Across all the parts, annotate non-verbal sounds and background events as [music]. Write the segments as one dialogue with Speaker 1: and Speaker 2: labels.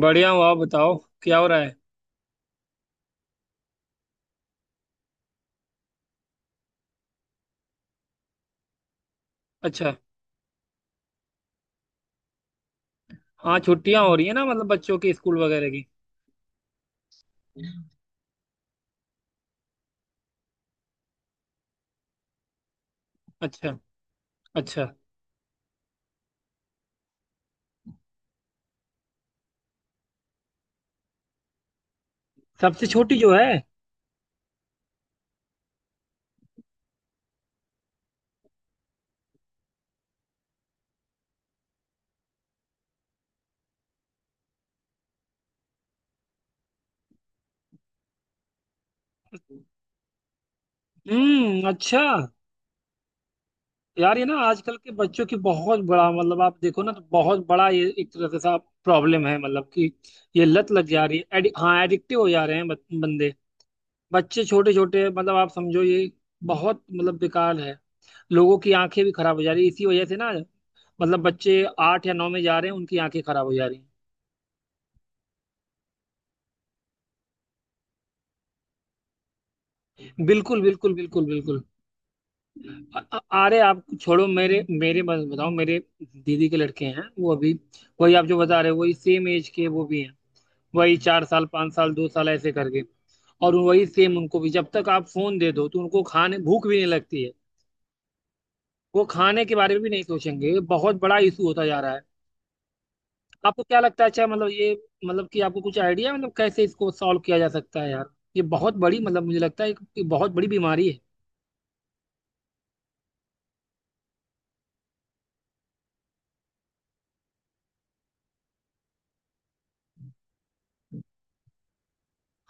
Speaker 1: बढ़िया हूँ। आप बताओ, क्या हो रहा है। अच्छा। हाँ, छुट्टियां हो रही है ना, मतलब बच्चों की स्कूल वगैरह की। अच्छा, अच्छा। सबसे छोटी जो है। हम्म, अच्छा। यार, ये ना आजकल के बच्चों की बहुत बड़ा, मतलब आप देखो ना, तो बहुत बड़ा ये एक तरह से सा प्रॉब्लम है, मतलब कि ये लत लग जा रही है, हाँ एडिक्टिव हो जा रहे हैं बंदे। बच्चे छोटे छोटे, मतलब आप समझो, ये बहुत, मतलब बेकार है। लोगों की आंखें भी खराब हो जा रही है इसी वजह से ना। मतलब बच्चे 8 या 9 में जा रहे हैं, उनकी आंखें खराब हो जा रही हैं। बिल्कुल बिल्कुल बिल्कुल बिल्कुल। अ- अ- अरे आप छोड़ो, मेरे मेरे बस बताओ, मेरे दीदी के लड़के हैं वो अभी। वही आप जो बता रहे हो, वही सेम एज के वो भी हैं। वही 4 साल, 5 साल, 2 साल ऐसे करके। और वही सेम उनको भी, जब तक आप फोन दे दो तो उनको खाने भूख भी नहीं लगती है। वो खाने के बारे में भी नहीं सोचेंगे, ये बहुत बड़ा इशू होता जा रहा है। आपको क्या लगता है, अच्छा मतलब ये, मतलब कि आपको कुछ आइडिया है मतलब कैसे इसको सॉल्व किया जा सकता है यार। ये बहुत बड़ी, मतलब मुझे लगता है कि बहुत बड़ी बीमारी है।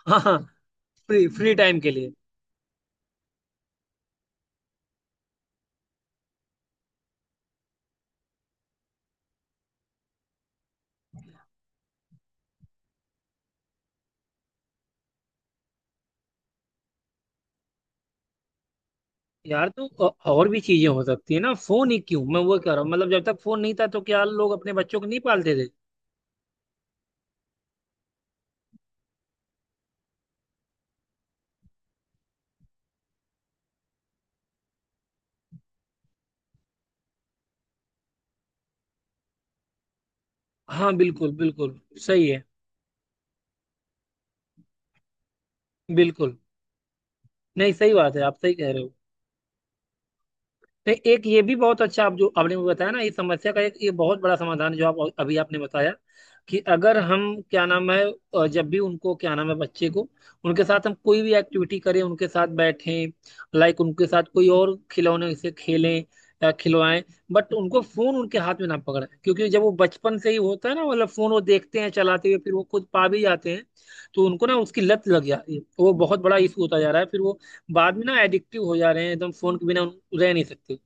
Speaker 1: हाँ हाँ। फ्री फ्री टाइम के लिए। यार, तो और भी चीजें हो सकती है ना, फोन ही क्यों। मैं वो कह रहा हूँ, मतलब जब तक फोन नहीं था तो क्या लोग अपने बच्चों को नहीं पालते थे। हाँ बिल्कुल बिल्कुल। सही है। बिल्कुल। नहीं, सही बात है, आप सही कह रहे हो। तो एक ये भी बहुत अच्छा आप जो आपने मुझे बताया ना, इस समस्या का एक ये बहुत बड़ा समाधान है जो आप अभी आपने बताया, कि अगर हम, क्या नाम है, जब भी उनको, क्या नाम है, बच्चे को उनके साथ हम कोई भी एक्टिविटी करें, उनके साथ बैठें। लाइक उनके साथ कोई और खिलौने से खेलें या खिलवाएं। बट उनको फोन उनके हाथ में ना पकड़ें, क्योंकि जब वो बचपन से ही होता है ना, मतलब फोन वो देखते हैं चलाते हुए, फिर वो खुद पा भी जाते हैं। तो उनको ना उसकी लत लग जा रही है, वो बहुत बड़ा इशू होता जा रहा है, फिर वो बाद में ना एडिक्टिव हो जा रहे हैं, एकदम फोन के बिना रह नहीं सकते।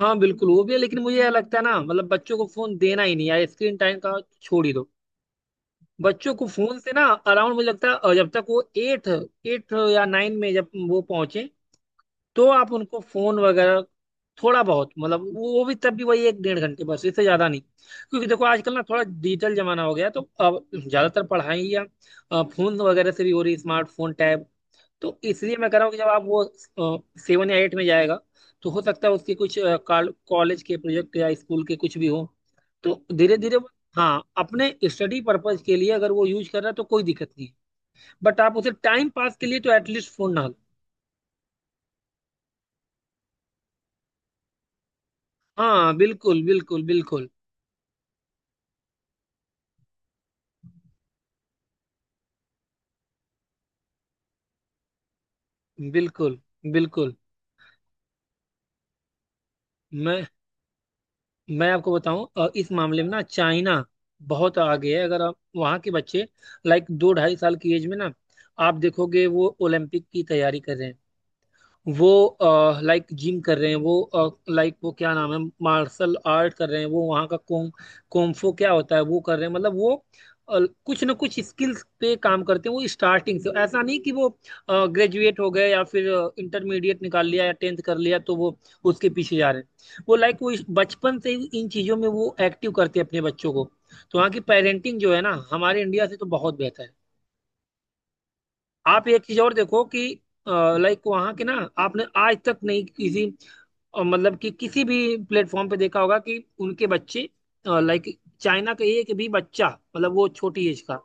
Speaker 1: हाँ बिल्कुल, वो भी है, लेकिन मुझे यह लगता है ना, मतलब बच्चों को फोन देना ही नहीं यार, स्क्रीन टाइम का छोड़ ही दो। बच्चों को फोन से ना अराउंड, मुझे लगता है जब तक वो एट एट या नाइन में जब वो पहुंचे तो आप उनको फोन वगैरह थोड़ा बहुत, मतलब वो भी, तब भी वही एक डेढ़ घंटे बस, इससे ज्यादा नहीं। क्योंकि देखो आजकल ना थोड़ा डिजिटल जमाना हो गया, तो अब ज्यादातर पढ़ाई या फोन वगैरह से भी हो रही, स्मार्टफोन, टैब। तो इसलिए मैं कह रहा हूँ कि जब आप वो 7 या 8 में जाएगा तो हो सकता है उसके कुछ कॉलेज के प्रोजेक्ट या स्कूल के कुछ भी हो, तो धीरे धीरे वो, हाँ, अपने स्टडी पर्पज के लिए अगर वो यूज कर रहा है तो कोई दिक्कत नहीं है, बट आप उसे टाइम पास के लिए तो एटलीस्ट फोन ना लो। हाँ बिल्कुल बिल्कुल बिल्कुल बिल्कुल बिल्कुल। मैं मैं आपको बताऊं, इस मामले में ना चाइना बहुत आगे है। अगर आप वहाँ के बच्चे, लाइक दो ढाई साल की एज में ना, आप देखोगे वो ओलंपिक की तैयारी कर रहे हैं। वो लाइक जिम कर रहे हैं, वो लाइक वो, क्या नाम है, मार्शल आर्ट कर रहे हैं, वो वहाँ का कुंग कुंफू, क्या होता है वो, कर रहे हैं, मतलब वो अ, कुछ ना कुछ स्किल्स पे काम करते हैं। वो स्टार्टिंग से, ऐसा नहीं कि वो ग्रेजुएट हो गए या फिर इंटरमीडिएट निकाल लिया या टेंथ कर लिया तो वो उसके पीछे जा रहे हैं, वो लाइक वो बचपन से ही इन चीज़ों में वो एक्टिव करते हैं अपने बच्चों को। तो वहाँ की पेरेंटिंग जो है ना, हमारे इंडिया से तो बहुत बेहतर है। आप एक चीज़ और देखो कि, लाइक वहाँ के ना, आपने आज तक नहीं किसी और, मतलब कि किसी भी प्लेटफॉर्म पे देखा होगा कि उनके बच्चे, लाइक चाइना का एक भी बच्चा, मतलब वो छोटी एज का,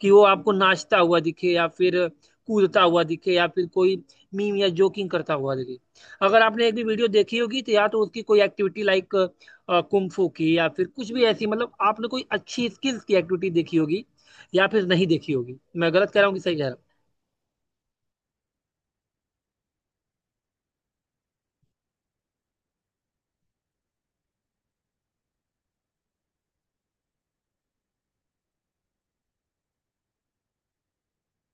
Speaker 1: कि वो आपको नाचता हुआ दिखे या फिर कूदता हुआ दिखे या फिर कोई मीम या जोकिंग करता हुआ दिखे। अगर आपने एक भी वीडियो देखी होगी तो या तो उसकी कोई एक्टिविटी लाइक कुंफू की या फिर कुछ भी ऐसी, मतलब आपने कोई अच्छी स्किल्स की एक्टिविटी देखी होगी, या फिर नहीं देखी होगी। मैं गलत कह रहा हूँ कि सही कह रहा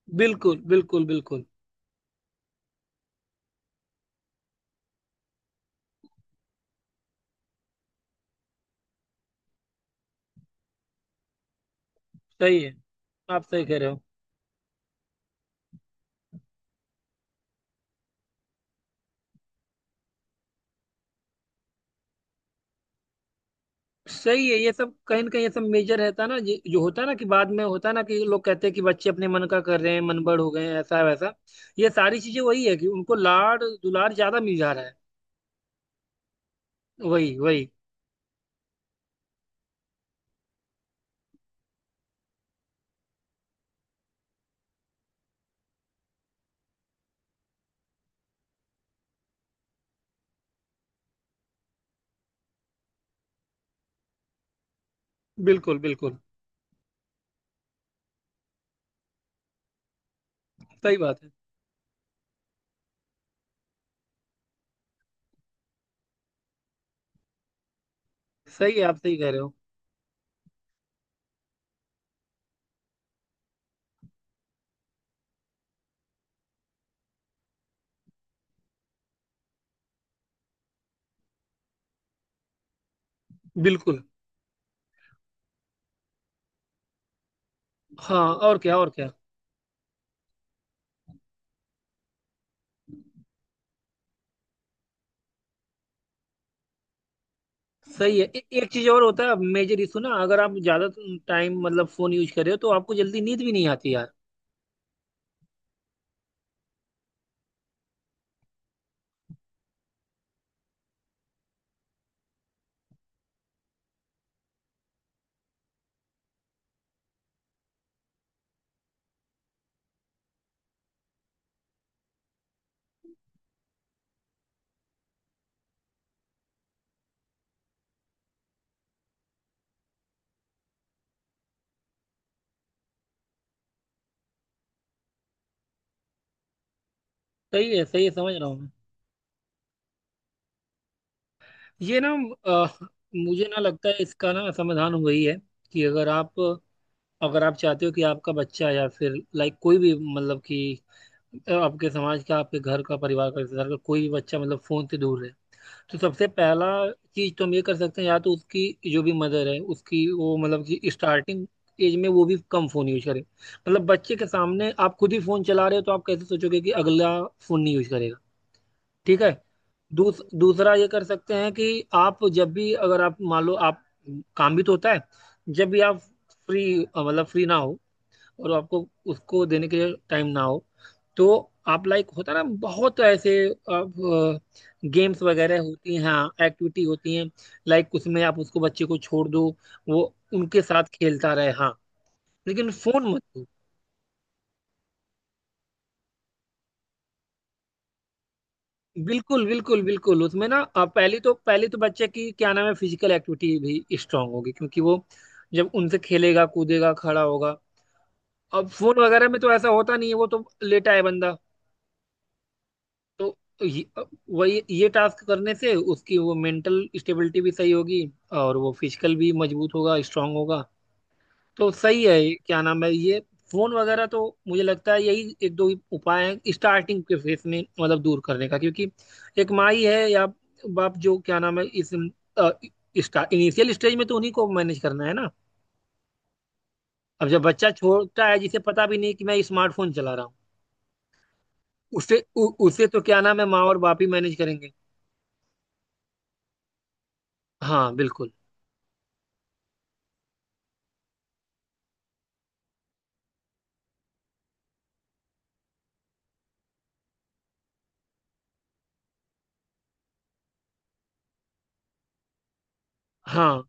Speaker 1: हूँ। बिल्कुल बिल्कुल बिल्कुल सही है, आप सही कह रहे हो। सही है, ये सब कहीं ना कहीं ये सब मेजर रहता है ना, जो होता है ना कि बाद में होता है ना, कि लोग कहते हैं कि बच्चे अपने मन का कर रहे हैं, मनबड़ हो गए हैं, ऐसा वैसा। ये सारी चीजें वही है कि उनको लाड दुलार ज्यादा मिल जा रहा है। वही वही। बिल्कुल बिल्कुल। सही बात है। सही है, आप सही कह रहे हो। बिल्कुल। हाँ और क्या, और क्या। सही है, एक चीज और होता है मेजर इशू ना, अगर आप ज्यादा टाइम, मतलब फोन यूज कर रहे हो तो आपको जल्दी नींद भी नहीं आती यार। सही है सही है, समझ रहा हूँ। ये ना अ, मुझे ना लगता है इसका ना समाधान वही है कि अगर आप चाहते हो कि आपका बच्चा या फिर लाइक कोई भी, मतलब कि आपके समाज का, आपके घर का, परिवार का, रिश्तेदार का कोई भी बच्चा, मतलब फोन से दूर रहे। तो सबसे पहला चीज तो हम ये कर सकते हैं, या तो उसकी जो भी मदर है उसकी वो, मतलब कि स्टार्टिंग एज में वो भी कम फोन यूज करे, मतलब बच्चे के सामने आप खुद ही फोन चला रहे हो तो आप कैसे सोचोगे कि अगला फोन नहीं यूज करेगा। ठीक है। दूसरा ये कर सकते हैं कि आप जब भी, अगर आप मान लो आप, काम भी तो होता है, जब भी आप फ्री, मतलब फ्री ना हो, और आपको उसको देने के लिए टाइम ना हो, तो आप लाइक, होता है ना बहुत ऐसे, अब गेम्स वगैरह होती हैं, हाँ एक्टिविटी होती हैं, लाइक उसमें आप उसको बच्चे को छोड़ दो, वो उनके साथ खेलता रहे, हाँ, लेकिन फोन मत। बिल्कुल बिल्कुल बिल्कुल, उसमें ना पहली तो बच्चे की, क्या नाम है, फिजिकल एक्टिविटी भी स्ट्रांग होगी क्योंकि वो जब उनसे खेलेगा, कूदेगा, खड़ा होगा। अब फोन वगैरह में तो ऐसा होता नहीं है, वो तो लेटा है बंदा। तो ये, वही ये टास्क करने से उसकी वो मेंटल स्टेबिलिटी भी सही होगी, और वो फिजिकल भी मजबूत होगा, स्ट्रांग होगा। तो सही है, क्या नाम है ये फोन वगैरह तो, मुझे लगता है यही एक दो ही उपाय हैं स्टार्टिंग के फेस में, मतलब दूर करने का, क्योंकि एक माई है या बाप, जो क्या नाम है, इस इनिशियल स्टेज में तो उन्हीं को मैनेज करना है ना। अब जब बच्चा छोटा है, जिसे पता भी नहीं कि मैं स्मार्टफोन चला रहा हूँ, उसे, उसे तो क्या नाम है, माँ और बाप ही मैनेज करेंगे। हाँ बिल्कुल। हाँ।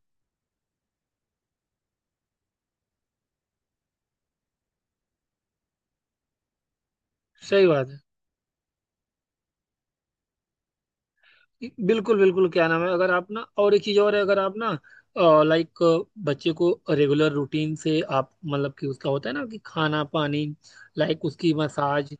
Speaker 1: सही बात है। बिल्कुल बिल्कुल, क्या नाम है, अगर आप ना, और एक चीज और है, अगर आप ना, लाइक बच्चे को रेगुलर रूटीन से आप, मतलब कि उसका होता है ना कि खाना पानी, लाइक उसकी मसाज,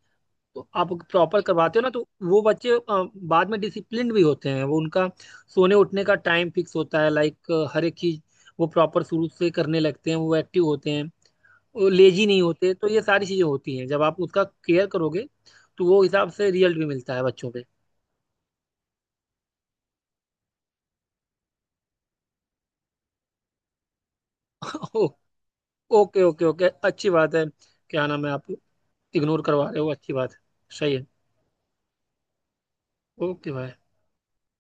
Speaker 1: तो आप प्रॉपर करवाते हो ना, तो वो बच्चे बाद में डिसिप्लिन भी होते हैं, वो उनका सोने उठने का टाइम फिक्स होता है, लाइक हर एक चीज वो प्रॉपर शुरू से करने लगते हैं, वो एक्टिव होते हैं, वो लेजी नहीं होते। तो ये सारी चीजें होती हैं जब आप उसका केयर करोगे, तो वो हिसाब से रिजल्ट भी मिलता है बच्चों पे। [laughs] ओके ओके ओके, अच्छी बात है। क्या नाम है, आप इग्नोर करवा रहे हो, अच्छी बात है। सही है। ओके भाई।